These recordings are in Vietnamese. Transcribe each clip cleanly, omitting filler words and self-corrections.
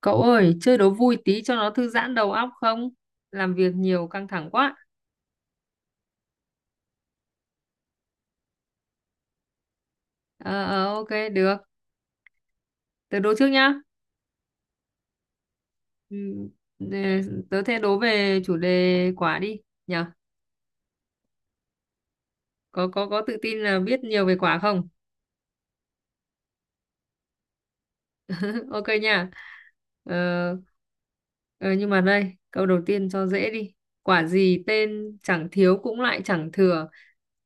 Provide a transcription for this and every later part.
Cậu ơi, chơi đố vui tí cho nó thư giãn đầu óc không? Làm việc nhiều căng thẳng quá. Ờ, ờ, ok, được. Tớ đố trước nhá. Ừ, ừ, tớ thế đố về chủ đề quả đi. Nhờ, có tự tin là biết nhiều về quả không? Ok nha. Ờ, ờ, nhưng mà đây, câu đầu tiên cho dễ đi. Quả gì tên chẳng thiếu cũng lại chẳng thừa.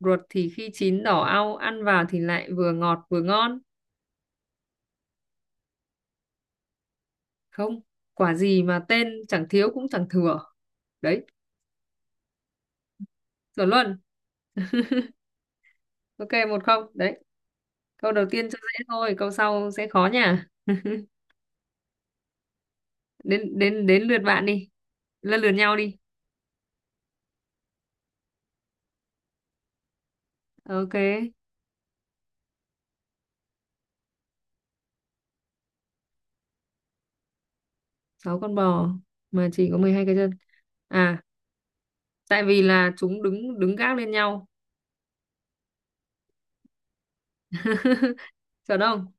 Ruột thì khi chín đỏ au, ăn vào thì lại vừa ngọt vừa ngon. Không, quả gì mà tên chẳng thiếu cũng chẳng thừa đấy. Chuẩn luôn. Ok, 1-0 đấy. Câu đầu tiên cho dễ thôi, câu sau sẽ khó nha. đến đến đến lượt bạn đi. Lần lượt nhau đi. Ok. Sáu con bò mà chỉ có 12 cái chân à? Tại vì là chúng đứng đứng gác lên nhau. Chuẩn không?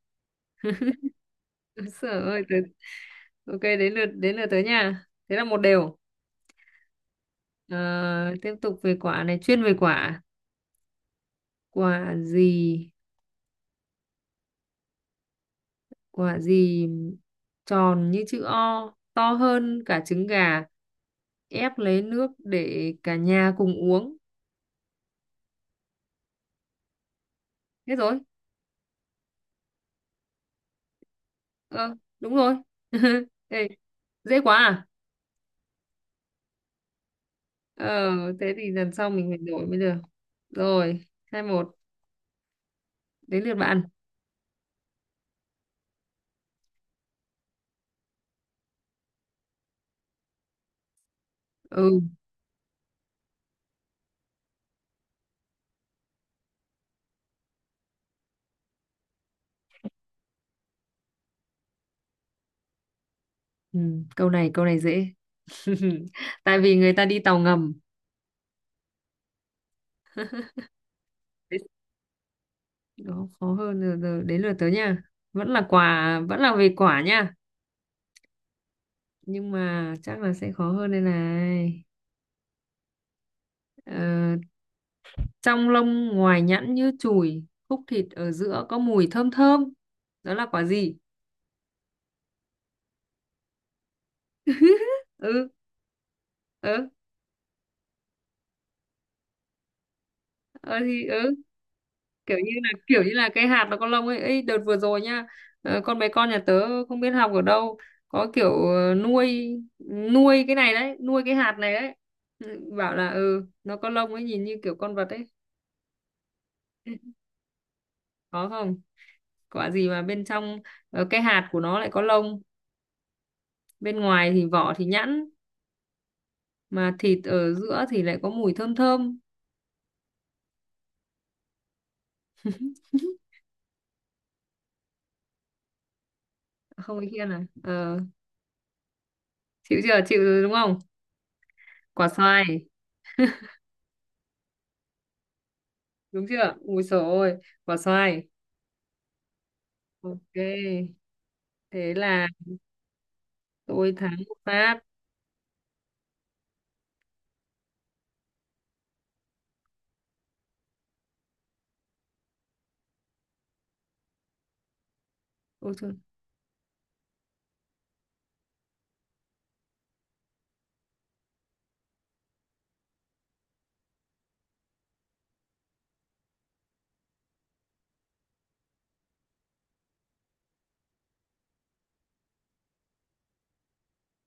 Sợ ơi. Ok, đến lượt tới nha, thế là một đều. Ờ, Tiếp tục về quả này, chuyên về quả, quả gì, quả gì tròn như chữ O, to hơn cả trứng gà, ép lấy nước để cả nhà cùng uống. Hết rồi. Ờ, đúng rồi. Ê, dễ quá à? Ờ, Thế thì lần sau mình phải đổi mới được. Rồi, 2-1, đến lượt bạn. Ừ, ừ, câu này dễ. Tại vì người ta đi tàu ngầm. Đấy, đó, khó hơn rồi, rồi, đến lượt tớ nha. Vẫn là quả, vẫn là về quả nha. Nhưng mà chắc là sẽ khó hơn đây này. Ờ, Trong lông ngoài nhẵn như chùi, khúc thịt ở giữa có mùi thơm thơm. Đó là quả gì? Ừ, ừ, ừ thì kiểu như là cái hạt nó có lông ấy. Ê, đợt vừa rồi nhá, con bé con nhà tớ không biết học ở đâu, có kiểu nuôi nuôi cái này đấy, nuôi cái hạt này đấy. Ừ, bảo là nó có lông ấy, nhìn như kiểu con vật ấy. Có không? Quả gì mà bên trong cái hạt của nó lại có lông, bên ngoài thì vỏ thì nhẵn, mà thịt ở giữa thì lại có mùi thơm thơm. Không, ý kia này. Ờ, Chịu chưa, chịu rồi đúng không? Quả xoài. Đúng chưa, ui dồi ôi. Quả xoài. Ok, thế là tôi thắng một phát. Ôi trời.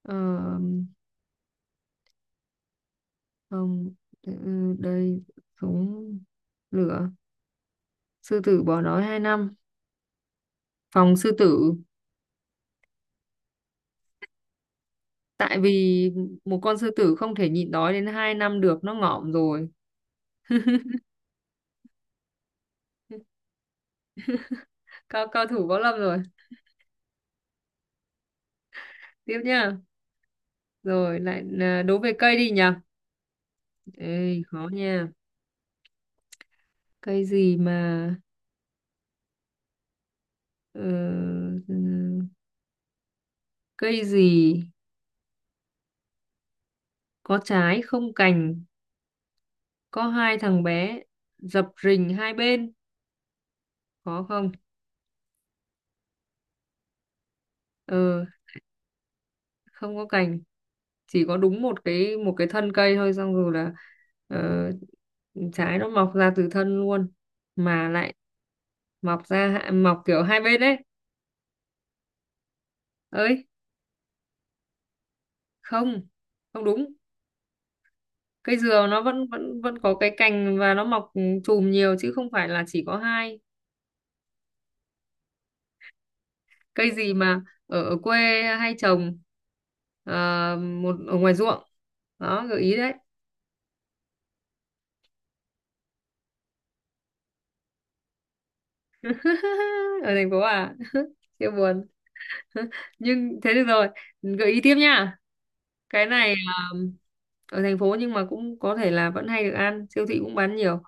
ờ, Không, ừ, đây. Súng, lửa, sư tử bỏ đói 2 năm. Phòng sư tử. Tại vì một con sư tử không thể nhịn đói đến 2 năm được, nó ngỏm rồi. Cao cao thủ võ lâm rồi. Tiếp nhá. Rồi lại à, đố về cây đi nhỉ. Ê, khó nha. Cây gì mà ờ, ừ, cây gì có trái không cành, có hai thằng bé dập rình hai bên, khó không? Ờ, Không có cành, chỉ có đúng một cái thân cây thôi, xong rồi là ờ, trái nó mọc ra từ thân luôn, mà lại mọc ra mọc kiểu hai bên ấy. Ơi, không. Không đúng. Cây dừa nó vẫn vẫn vẫn có cái cành và nó mọc chùm nhiều chứ không phải là chỉ có hai. Cây gì mà ở quê hay trồng, ờ, một ở ngoài ruộng, đó gợi ý đấy. Ở thành phố à? Siêu buồn. Nhưng thế được rồi, gợi ý tiếp nha, cái này. ờ, Ở thành phố nhưng mà cũng có thể là vẫn hay được ăn, siêu thị cũng bán nhiều.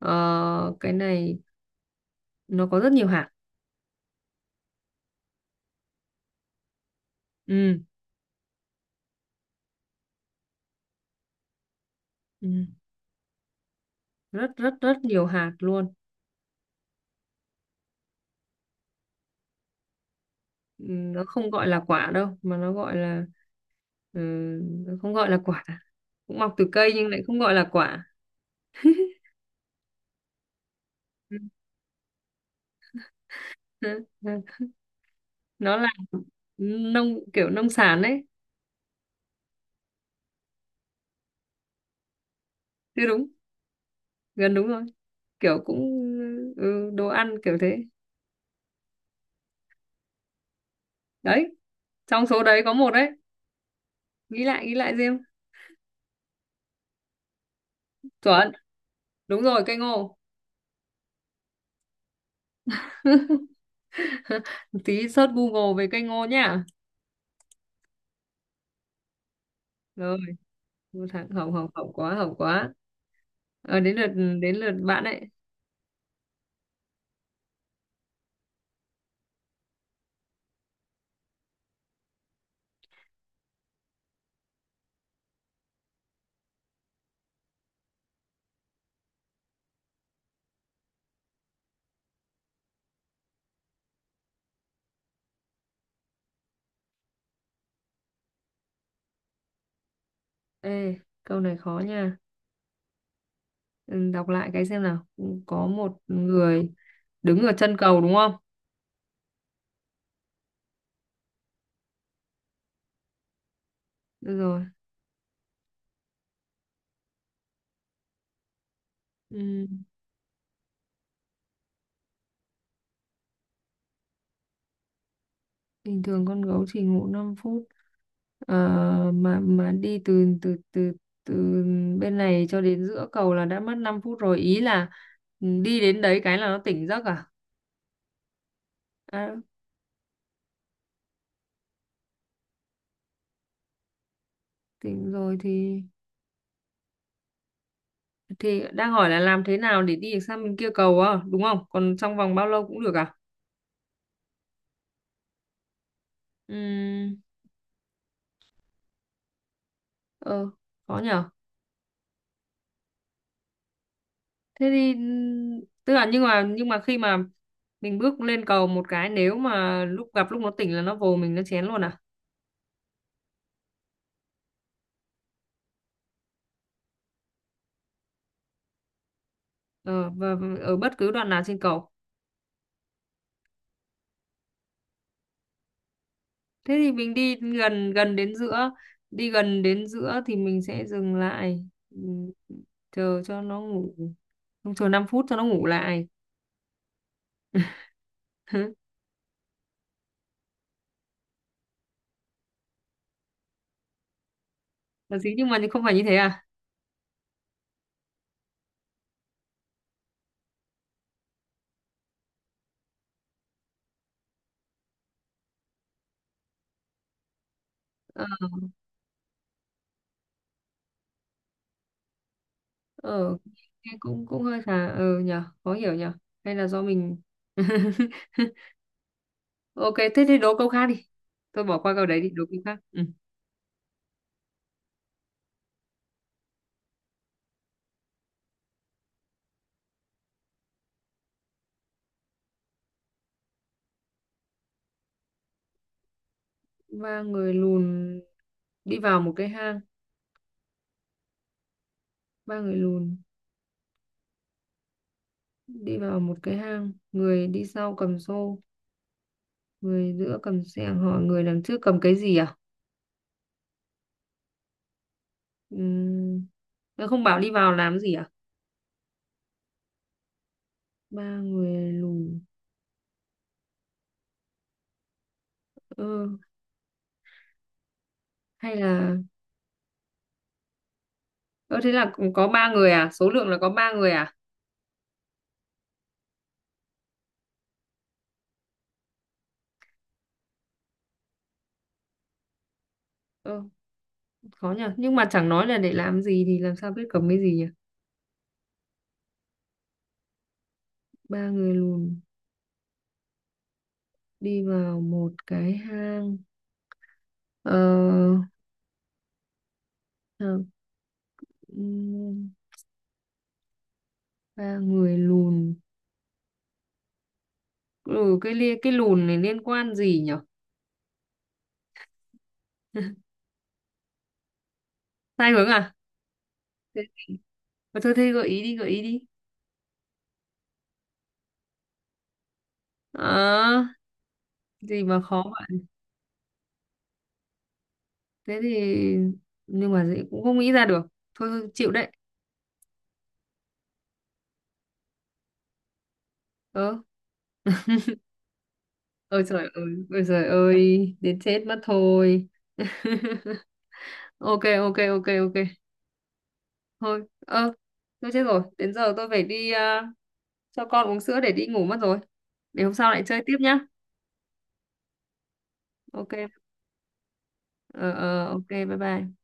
Ờ, cái này nó có rất nhiều hạt. Ừ, ừ. Rất rất rất nhiều hạt luôn. Nó không gọi là quả đâu, mà nó gọi là. ừ, nó không gọi là quả, cũng mọc từ cây nhưng lại không gọi là quả. Ừ, ừ, ừ. Nó là nông, kiểu nông sản đấy. Chứ đúng, gần đúng rồi, kiểu cũng đồ ăn kiểu thế. Đấy, trong số đấy có một đấy, nghĩ lại, nghĩ lại riêng. Chuẩn, đúng rồi, cây ngô. Tí search Google về cây ngô nhá. Rồi, một thằng hỏng hỏng hỏng quá, hỏng quá. Ờ, đến lượt bạn ấy. Ê, câu này khó nha. Ừ, đọc lại cái xem nào. Ừ, có một người đứng ở chân cầu đúng không? Được rồi. Ừ, bình thường con gấu chỉ ngủ 5 phút. Ờ, mà đi từ từ từ từ bên này cho đến giữa cầu là đã mất 5 phút rồi. Ý là đi đến đấy cái là nó tỉnh giấc à? À, tỉnh rồi thì đang hỏi là làm thế nào để đi được sang bên kia cầu à, đúng không? Còn trong vòng bao lâu cũng được à? Ừ, ờ, khó nhở. Thế thì tức là nhưng mà khi mà mình bước lên cầu một cái, nếu mà lúc nó tỉnh là nó vồ mình, nó chén luôn à. Ờ, và ở bất cứ đoạn nào trên cầu. Thế thì mình đi gần gần đến giữa, đi gần đến giữa thì mình sẽ dừng lại, chờ cho nó ngủ. Không, chờ 5 phút cho nó ngủ lại. Là gì, nhưng mà không phải như thế à? ờ ờ, Nghe cũng cũng hơi khá, nhờ khó hiểu nhờ. Hay là do mình? Ok, thế thì đố câu khác đi. Tôi bỏ qua câu đấy đi, đố câu khác. Ừ. Ba người lùn đi vào một cái hang. Ba người lùn đi vào một cái hang, người đi sau cầm xô, người giữa cầm xẻng, hỏi người đằng trước cầm cái gì à? Ừm, nó không bảo đi vào làm gì à? Ba người lùn. Ơ, hay là ơ, thế là cũng có ba người à, số lượng là có ba người à? Ơ, khó nhỉ, nhưng mà chẳng nói là để làm gì thì làm sao biết cầm cái gì nhỉ. Ba người lùn đi vào một cái hang, ờ, ờ, ừm, ba người lùn, ừ, cái lùn này liên quan gì nhỉ. Sai hướng à? Thế, thôi thế gợi ý đi, gợi ý đi. Ờ, gì mà khó vậy. Thế thì nhưng mà cũng không nghĩ ra được. Thôi thôi, chịu đấy. Ờ. Ôi trời ơi. Ôi trời ơi, đến chết mất thôi. Ok. Ok, ok, ok. Thôi. Ơ. Tôi chết rồi, đến giờ tôi phải đi à, cho con uống sữa để đi ngủ mất rồi. Để hôm sau lại chơi tiếp nhá. Ok. Ờ, ờ, ok, bye bye.